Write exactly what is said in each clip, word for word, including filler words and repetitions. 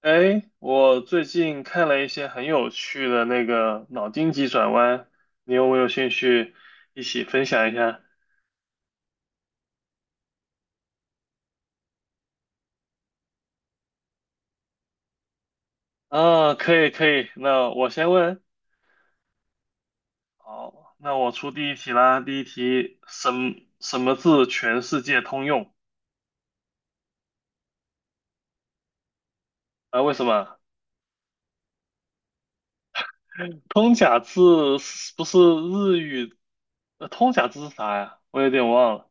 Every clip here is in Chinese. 哎，我最近看了一些很有趣的那个脑筋急转弯，你有没有兴趣一起分享一下？啊，可以可以，那我先问。好，那我出第一题啦。第一题，什么什么字全世界通用？啊，为什么？通假字是不是日语？呃，通假字是啥呀？我有点忘了。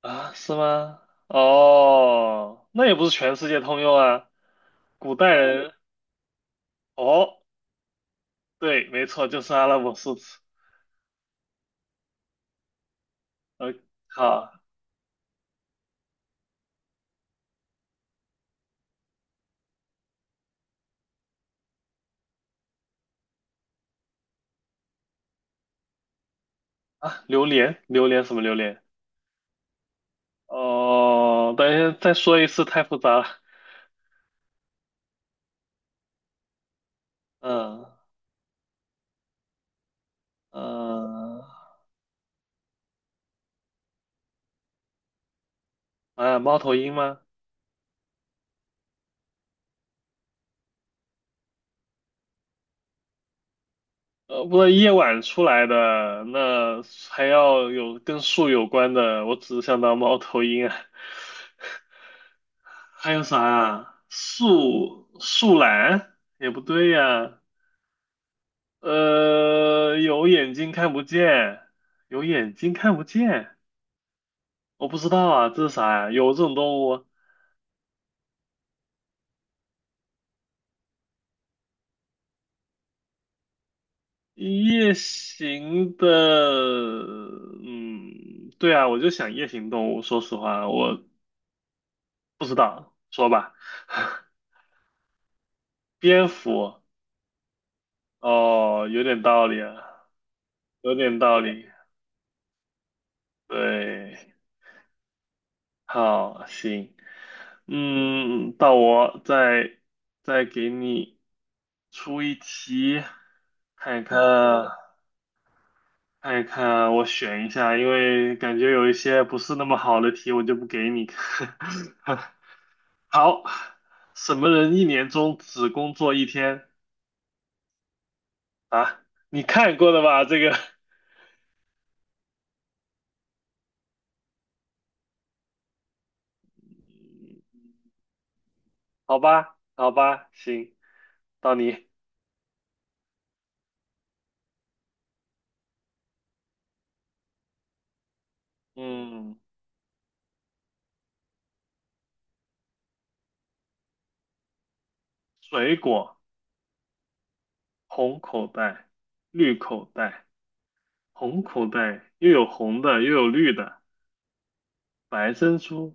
啊，是吗？哦，那也不是全世界通用啊。古代人，哦，对，没错，就是阿拉伯数字。呃，好啊，榴莲，榴莲什么榴莲？哦，等一下再说一次，太复杂了。嗯嗯啊，猫头鹰吗？呃，不是夜晚出来的，那还要有跟树有关的，我只想到猫头鹰啊。还有啥啊？树树懒也不对呀。呃，有眼睛看不见，有眼睛看不见。我不知道啊，这是啥呀？有这种动物？夜行的，嗯，对啊，我就想夜行动物。说实话，我不知道，说吧。蝙蝠，哦，有点道理啊，有点道理。对，好，行，嗯，到我再再给你出一题，看一看啊。看一看，我选一下，因为感觉有一些不是那么好的题，我就不给你。看。好，什么人一年中只工作一天啊？你看过的吧？这个，好吧，好吧，行，到你。嗯，水果，红口袋，绿口袋，红口袋又有红的，又有绿的，白珍珠，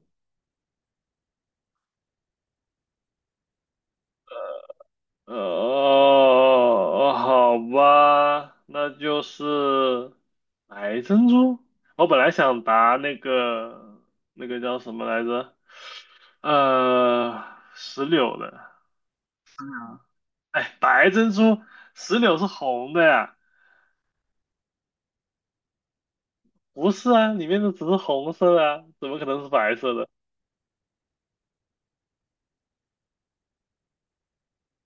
呃，哦好吧，那就是白珍珠。我本来想答那个那个叫什么来着？呃，石榴的。哎，白珍珠，石榴是红的呀？不是啊，里面的只是红色的啊，怎么可能是白色的？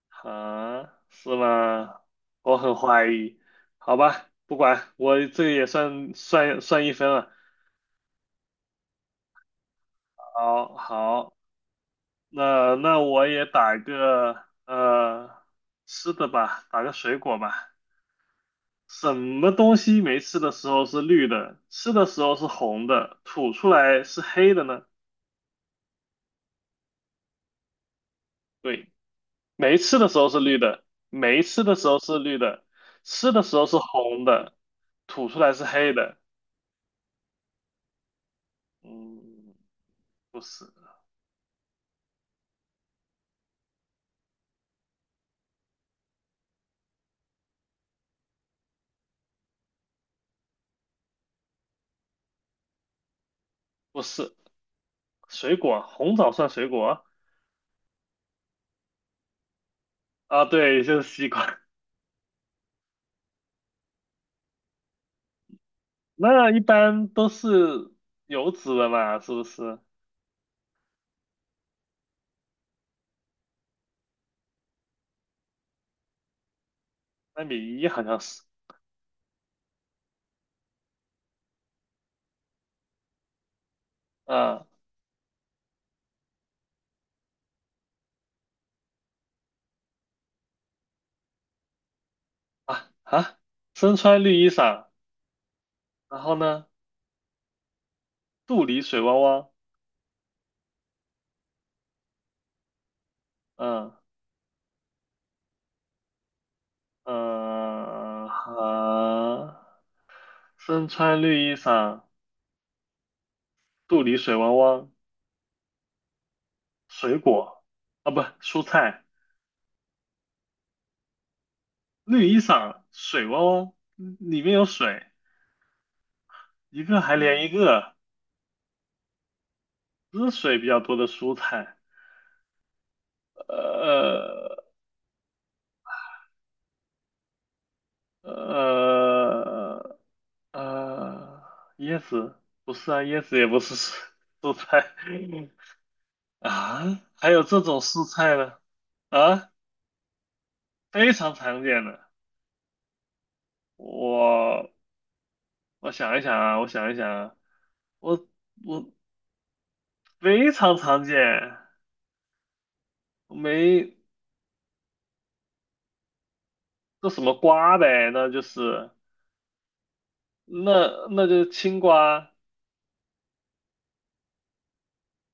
啊，是吗？我很怀疑。好吧，不管，我这个也算算算一分了。好好。那那我也打个呃吃的吧，打个水果吧。什么东西没吃的时候是绿的，吃的时候是红的，吐出来是黑的呢？对，没吃的时候是绿的，没吃的时候是绿的，吃的时候是红的，吐出来是黑的。嗯，不是，不是，水果，红枣算水果啊？对，就是西瓜。那一般都是有籽的嘛，是不是？三比一好像是，啊啊啊！身穿绿衣裳，然后呢，肚里水汪汪，嗯嗯啊，身穿绿衣裳，肚里水汪汪，水果啊不，蔬菜，绿衣裳，水汪汪，嗯里面有水，一个还连一个，不是水比较多的蔬菜，呃呃。呃呃，椰子不是啊，椰子也不是蔬蔬菜 啊，还有这种蔬菜呢？啊，非常常见的。我我想一想啊，我想一想啊，我我非常常见，没这什么瓜呗，那就是那那就是青瓜、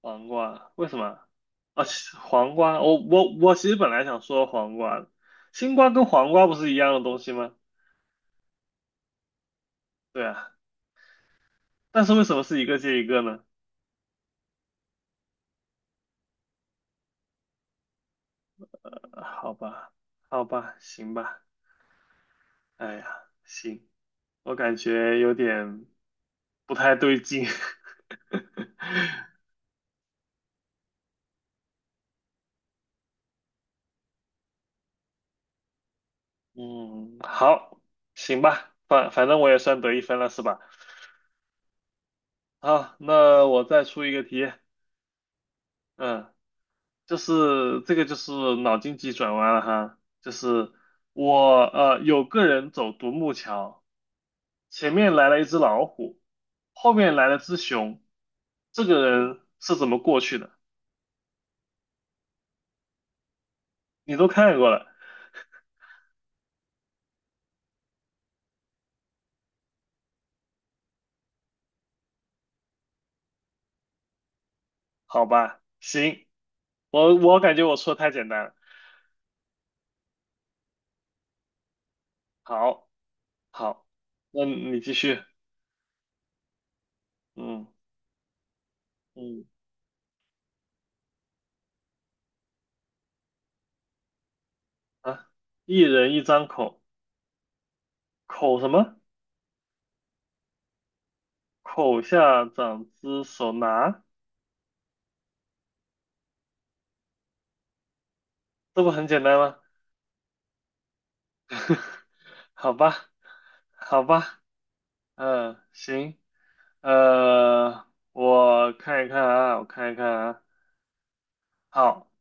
黄瓜，为什么？啊，其黄瓜，我我我其实本来想说黄瓜的，青瓜跟黄瓜不是一样的东西吗？对啊。但是为什么是一个接一个呢？呃好吧，好吧，行吧，哎呀，行，我感觉有点不太对劲。嗯，好，行吧，反反正我也算得一分了，是吧？好，那我再出一个题，嗯，就是这个就是脑筋急转弯了哈，就是我呃有个人走独木桥。前面来了一只老虎，后面来了只熊，这个人是怎么过去的？你都看过了，好吧？行，我我感觉我说的太简单了。好，好，那你继续。嗯嗯啊，一人一张口，口什么？口下长只手拿，这不很简单吗？好吧，好吧，嗯，行，呃，我看一看啊，我看一看啊。好，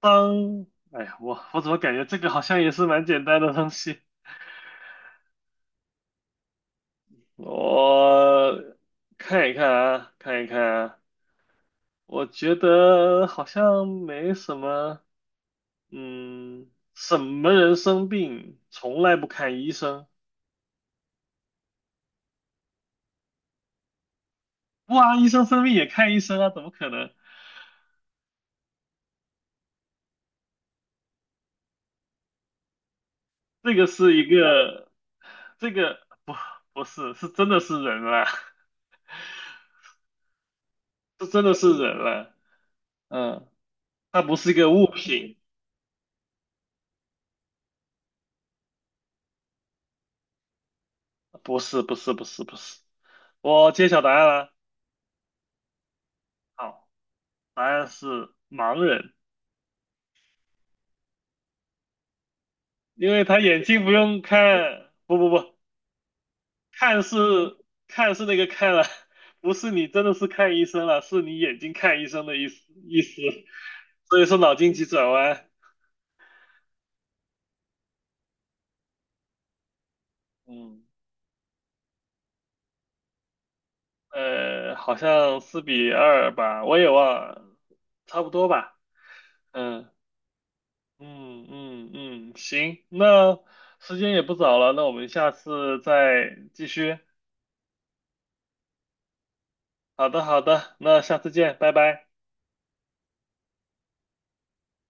当，哎呀，我我怎么感觉这个好像也是蛮简单的东西？我看一看啊，看一看啊，我觉得好像没什么，嗯，什么人生病从来不看医生？不啊，医生生病也看医生啊？怎么可能？这个是一个，这个不不是，是真的是人了，这真的是人了，嗯，它不是一个物品，不是不是不是不是。我揭晓答案了。好，答案是盲人，因为他眼睛不用看，不不不，看是看是那个看了，不是你真的是看医生了，是你眼睛看医生的意思意思，所以说脑筋急转弯，嗯，呃，好像四比二吧，我也忘了，差不多吧，嗯嗯嗯嗯，行，那时间也不早了，那我们下次再继续。好的，好的，那下次见，拜拜。